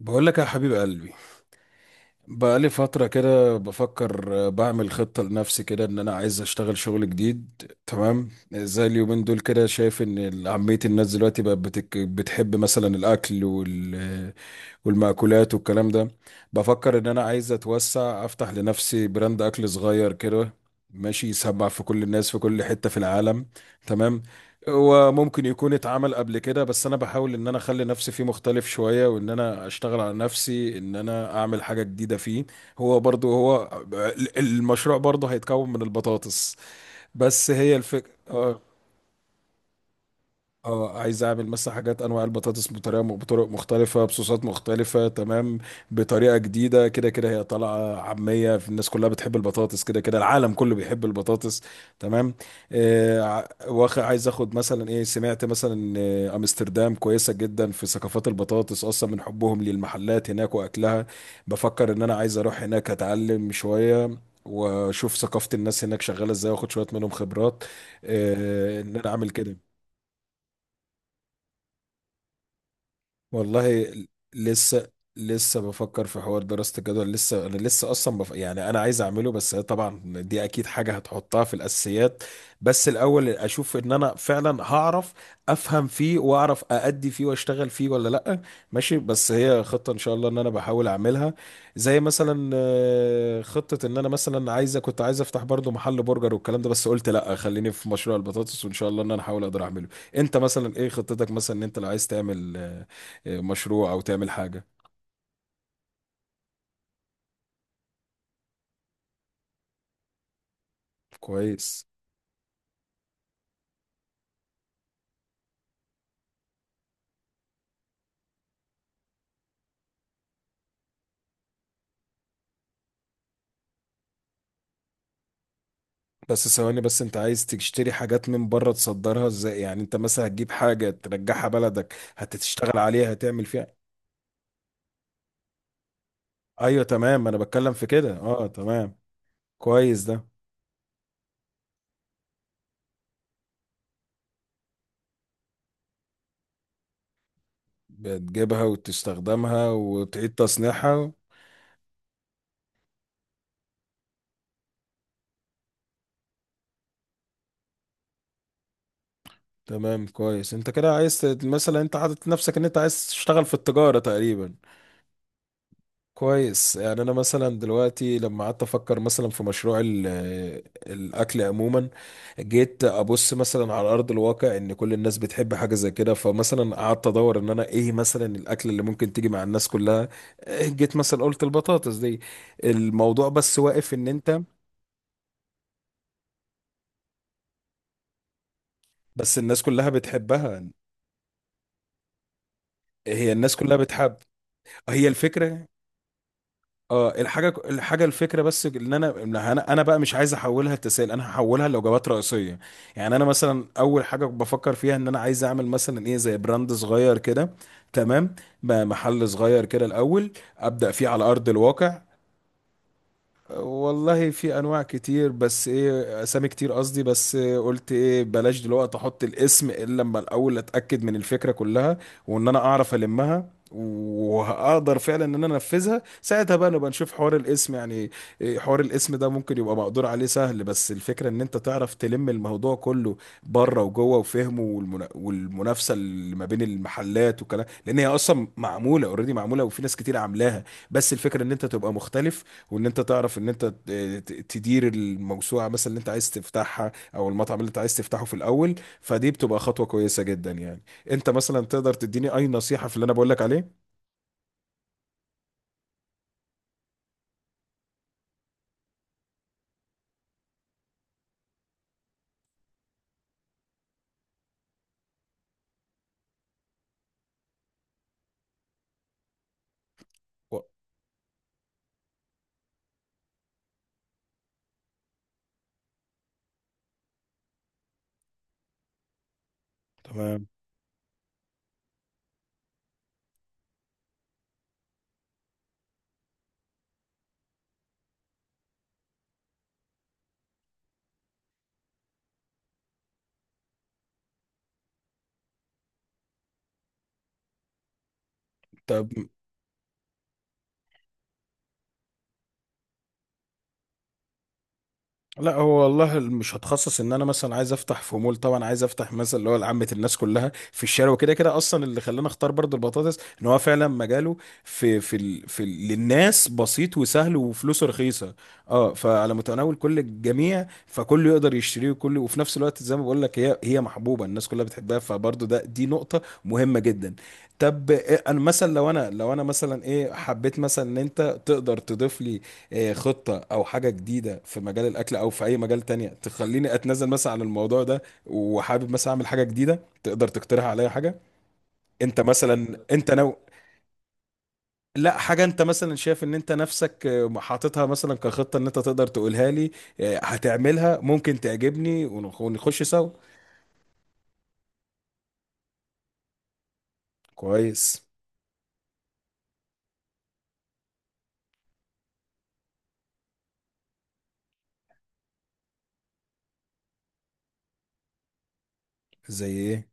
بقول لك يا حبيب قلبي، بقى لي فترة كده بفكر، بعمل خطة لنفسي كده ان انا عايز اشتغل شغل جديد. تمام. زي اليومين دول كده شايف ان عامية الناس دلوقتي بقت بتحب مثلا الاكل والمأكولات والكلام ده. بفكر ان انا عايز اتوسع افتح لنفسي براند اكل صغير كده، ماشي يسمع في كل الناس في كل حتة في العالم. تمام. وممكن يكون اتعمل قبل كده بس انا بحاول ان انا اخلي نفسي فيه مختلف شوية، وان انا اشتغل على نفسي ان انا اعمل حاجة جديدة فيه. هو برضو المشروع برضو هيتكون من البطاطس. بس هي الفكرة. اه، عايز اعمل مثلا حاجات، انواع البطاطس بطرق مختلفه، بصوصات مختلفه. تمام. بطريقه جديده، كده كده هي طالعه عاميه في الناس، كلها بتحب البطاطس، كده كده العالم كله بيحب البطاطس. تمام. آه ع- واخ عايز اخد مثلا ايه، سمعت مثلا ان امستردام كويسه جدا في ثقافات البطاطس اصلا، من حبهم للمحلات هناك واكلها. بفكر ان انا عايز اروح هناك اتعلم شويه، واشوف ثقافه الناس هناك شغاله ازاي، واخد شويه منهم خبرات. ان انا اعمل كده. والله لسه، بفكر في حوار دراسة الجدول. لسه انا يعني انا عايز اعمله، بس طبعا دي اكيد حاجة هتحطها في الاساسيات. بس الاول اشوف ان انا فعلا هعرف افهم فيه واعرف اادي فيه واشتغل فيه ولا لا. ماشي، بس هي خطة ان شاء الله ان انا بحاول اعملها. زي مثلا خطة ان انا مثلا كنت عايز افتح برضو محل برجر والكلام ده، بس قلت لا خليني في مشروع البطاطس، وان شاء الله ان انا احاول اقدر اعمله. انت مثلا ايه خطتك، مثلا ان انت لو عايز تعمل مشروع او تعمل حاجه؟ كويس. بس ثواني، بس انت عايز تشتري حاجات من بره تصدرها ازاي؟ يعني انت مثلا هتجيب حاجه ترجعها بلدك هتشتغل عليها هتعمل فيها؟ ايوه تمام، انا بتكلم في كده. اه تمام. كويس ده. بتجيبها وتستخدمها وتعيد تصنيعها. تمام كويس، انت كده عايز مثلا انت حاطط نفسك ان انت عايز تشتغل في التجاره تقريبا. كويس. يعني انا مثلا دلوقتي لما قعدت افكر مثلا في مشروع الاكل عموما، جيت ابص مثلا على ارض الواقع ان كل الناس بتحب حاجه زي كده، فمثلا قعدت ادور ان انا ايه مثلا الاكل اللي ممكن تيجي مع الناس كلها. جيت مثلا قلت البطاطس دي الموضوع، بس واقف ان انت. بس الناس كلها بتحبها، هي الناس كلها بتحب. هي الفكره. اه، الحاجه الفكره، بس ان انا أنا بقى مش عايز احولها لتسائل، انا هحولها لوجبات رئيسيه. يعني انا مثلا اول حاجه بفكر فيها ان انا عايز اعمل مثلا ايه زي براند صغير كده. تمام. محل صغير كده الاول، ابدا فيه على ارض الواقع. والله في انواع كتير، بس ايه اسامي كتير، قصدي بس إيه، قلت ايه بلاش دلوقتي احط الاسم الا لما الاول اتاكد من الفكره كلها، وان انا اعرف المها وهقدر فعلا ان انا انفذها، ساعتها بقى نبقى نشوف حوار الاسم يعني. إيه حوار الاسم ده ممكن يبقى مقدور عليه سهل، بس الفكره ان انت تعرف تلم الموضوع كله بره وجوه وفهمه، والمنافسه اللي ما بين المحلات والكلام، لان هي اصلا معموله اوريدي معموله وفي ناس كتير عاملاها. بس الفكره ان انت تبقى مختلف، وان انت تعرف ان انت تدير الموسوعه مثلا اللي انت عايز تفتحها، او المطعم اللي انت عايز تفتحه في الاول. فدي بتبقى خطوه كويسه جدا يعني. انت مثلا تقدر تديني اي نصيحه في اللي انا بقول لك عليه؟ و- تمام. طب لا، هو والله مش هتخصص، ان انا مثلا عايز افتح في مول، طبعا عايز افتح مثلا اللي هو لعامه الناس كلها في الشارع وكده. كده اصلا اللي خلاني اختار برضو البطاطس ان هو فعلا مجاله في للناس بسيط وسهل وفلوسه رخيصه. اه فعلى متناول كل الجميع، فكله يقدر يشتريه وكله، وفي نفس الوقت زي ما بقول لك هي محبوبه الناس كلها بتحبها، فبرضو دي نقطه مهمه جدا. طب انا مثلا لو انا مثلا ايه، حبيت مثلا ان انت تقدر تضيف لي خطة أو حاجة جديدة في مجال الأكل أو في أي مجال تانية تخليني أتنازل مثلا عن الموضوع ده، وحابب مثلا أعمل حاجة جديدة. تقدر تقترح عليا حاجة؟ أنت مثلا أنت نو لا حاجة، أنت مثلا شايف إن أنت نفسك حاططها مثلا كخطة إن أنت تقدر تقولها لي، هتعملها ممكن تعجبني ونخش سوا. كويس. زي إيه؟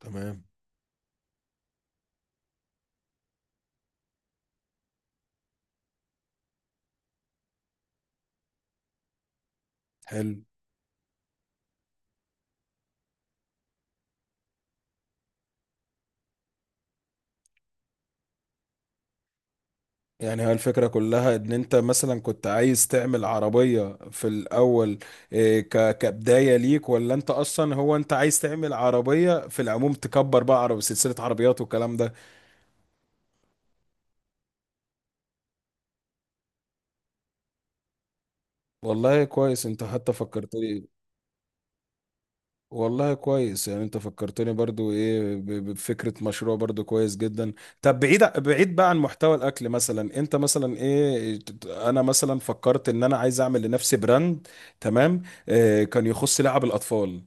تمام. حلو. يعني هي الفكرة كلها ان انت مثلا كنت عايز تعمل عربية في الاول، إيه، كبداية ليك، ولا انت اصلا هو انت عايز تعمل عربية في العموم تكبر بقى عربية سلسلة عربيات والكلام ده؟ والله كويس، انت حتى فكرتني. والله كويس، يعني انت فكرتني برضو ايه بفكرة مشروع برضو كويس جدا. طب بعيد بعيد بقى عن محتوى الاكل، مثلا انت مثلا ايه انا مثلا فكرت ان انا عايز اعمل لنفسي براند. تمام. إيه، كان يخص لعب الاطفال،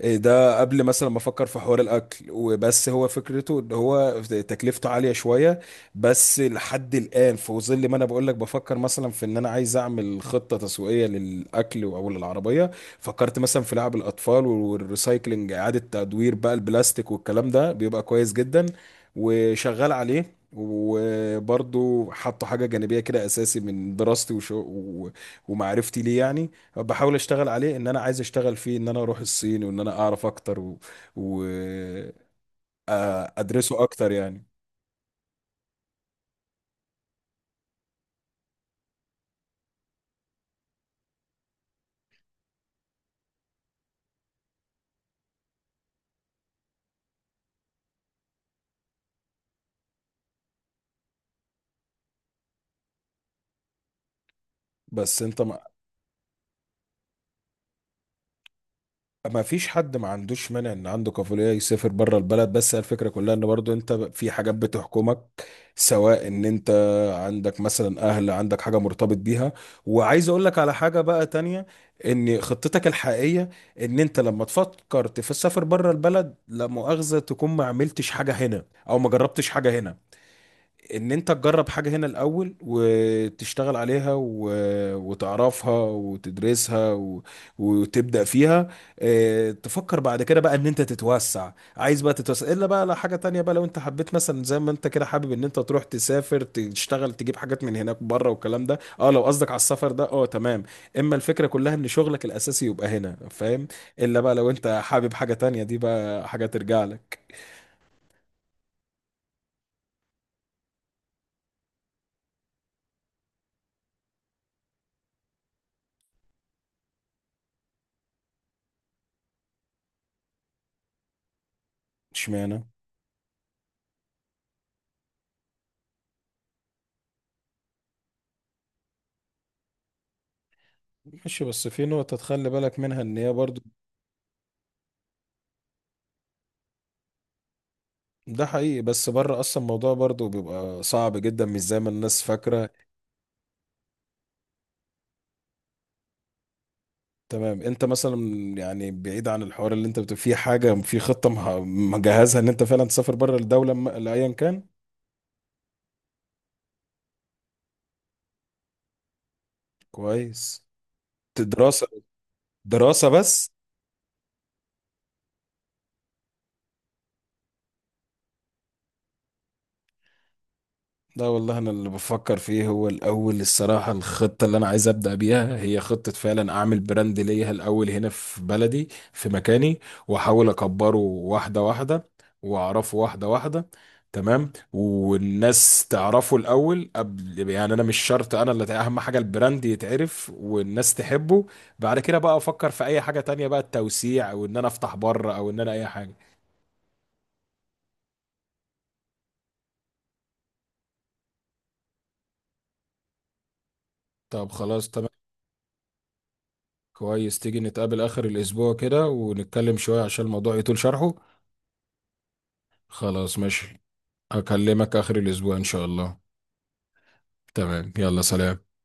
إيه ده قبل مثلا ما افكر في حوار الاكل. وبس هو فكرته ان هو تكلفته عاليه شويه، بس لحد الان في ظل ما انا بقول لك بفكر مثلا في ان انا عايز اعمل خطه تسويقيه للاكل او للعربيه، فكرت مثلا في لعب الاطفال والريسايكلينج، اعاده تدوير بقى البلاستيك والكلام ده، بيبقى كويس جدا. وشغال عليه وبرضه حاطه حاجه جانبيه كده اساسي من دراستي ومعرفتي ليه يعني. بحاول اشتغل عليه ان انا عايز اشتغل فيه، ان انا اروح الصين وان انا اعرف اكتر و... و... آه، ادرسه اكتر يعني. بس انت ما... ما فيش حد ما عندوش مانع ان عنده كفولية يسافر بره البلد، بس الفكرة كلها ان برضو انت في حاجات بتحكمك، سواء ان انت عندك مثلا اهل، عندك حاجة مرتبط بيها. وعايز اقول لك على حاجة بقى تانية، ان خطتك الحقيقية ان انت لما تفكر تسافر بره البلد، لا مؤاخذة، تكون ما عملتش حاجة هنا او ما جربتش حاجة هنا. ان انت تجرب حاجة هنا الاول وتشتغل عليها وتعرفها وتدرسها وتبدأ فيها. اه... تفكر بعد كده بقى ان انت تتوسع، عايز بقى تتوسع الا بقى لو حاجة تانية بقى، لو انت حبيت مثلا زي ما انت كده حابب ان انت تروح تسافر تشتغل تجيب حاجات من هناك بره والكلام ده، اه لو قصدك على السفر ده اه تمام. اما الفكرة كلها ان شغلك الاساسي يبقى هنا، فاهم. الا بقى لو انت حابب حاجة تانية، دي بقى حاجة ترجع لك. اشمعنى؟ ماشي، بس في نقطة تخلي بالك منها ان هي برضو. ده حقيقي، بس بره اصلا الموضوع برضه بيبقى صعب جدا، مش زي ما الناس فاكره. تمام. انت مثلا، يعني بعيد عن الحوار اللي انت بتبقى فيه، حاجه في خطه مجهزها ان انت فعلا تسافر بره الدوله لايا كان؟ كويس دراسه، دراسه بس. لا والله، انا اللي بفكر فيه هو الاول الصراحه، الخطه اللي انا عايز ابدا بيها هي خطه فعلا اعمل براند ليا الاول هنا في بلدي في مكاني، واحاول اكبره واحده واحده، واعرفه واحده واحده. تمام. والناس تعرفه الاول قبل، يعني انا مش شرط انا، اللي اهم حاجه البراند يتعرف والناس تحبه. بعد كده بقى افكر في اي حاجه تانية بقى، التوسيع او ان انا افتح بره او ان انا اي حاجه. طب خلاص. كويس، تيجي نتقابل آخر الأسبوع كده ونتكلم شوية عشان الموضوع يطول شرحه. خلاص ماشي. أكلمك آخر الأسبوع إن شاء الله. تمام، يلا سلام.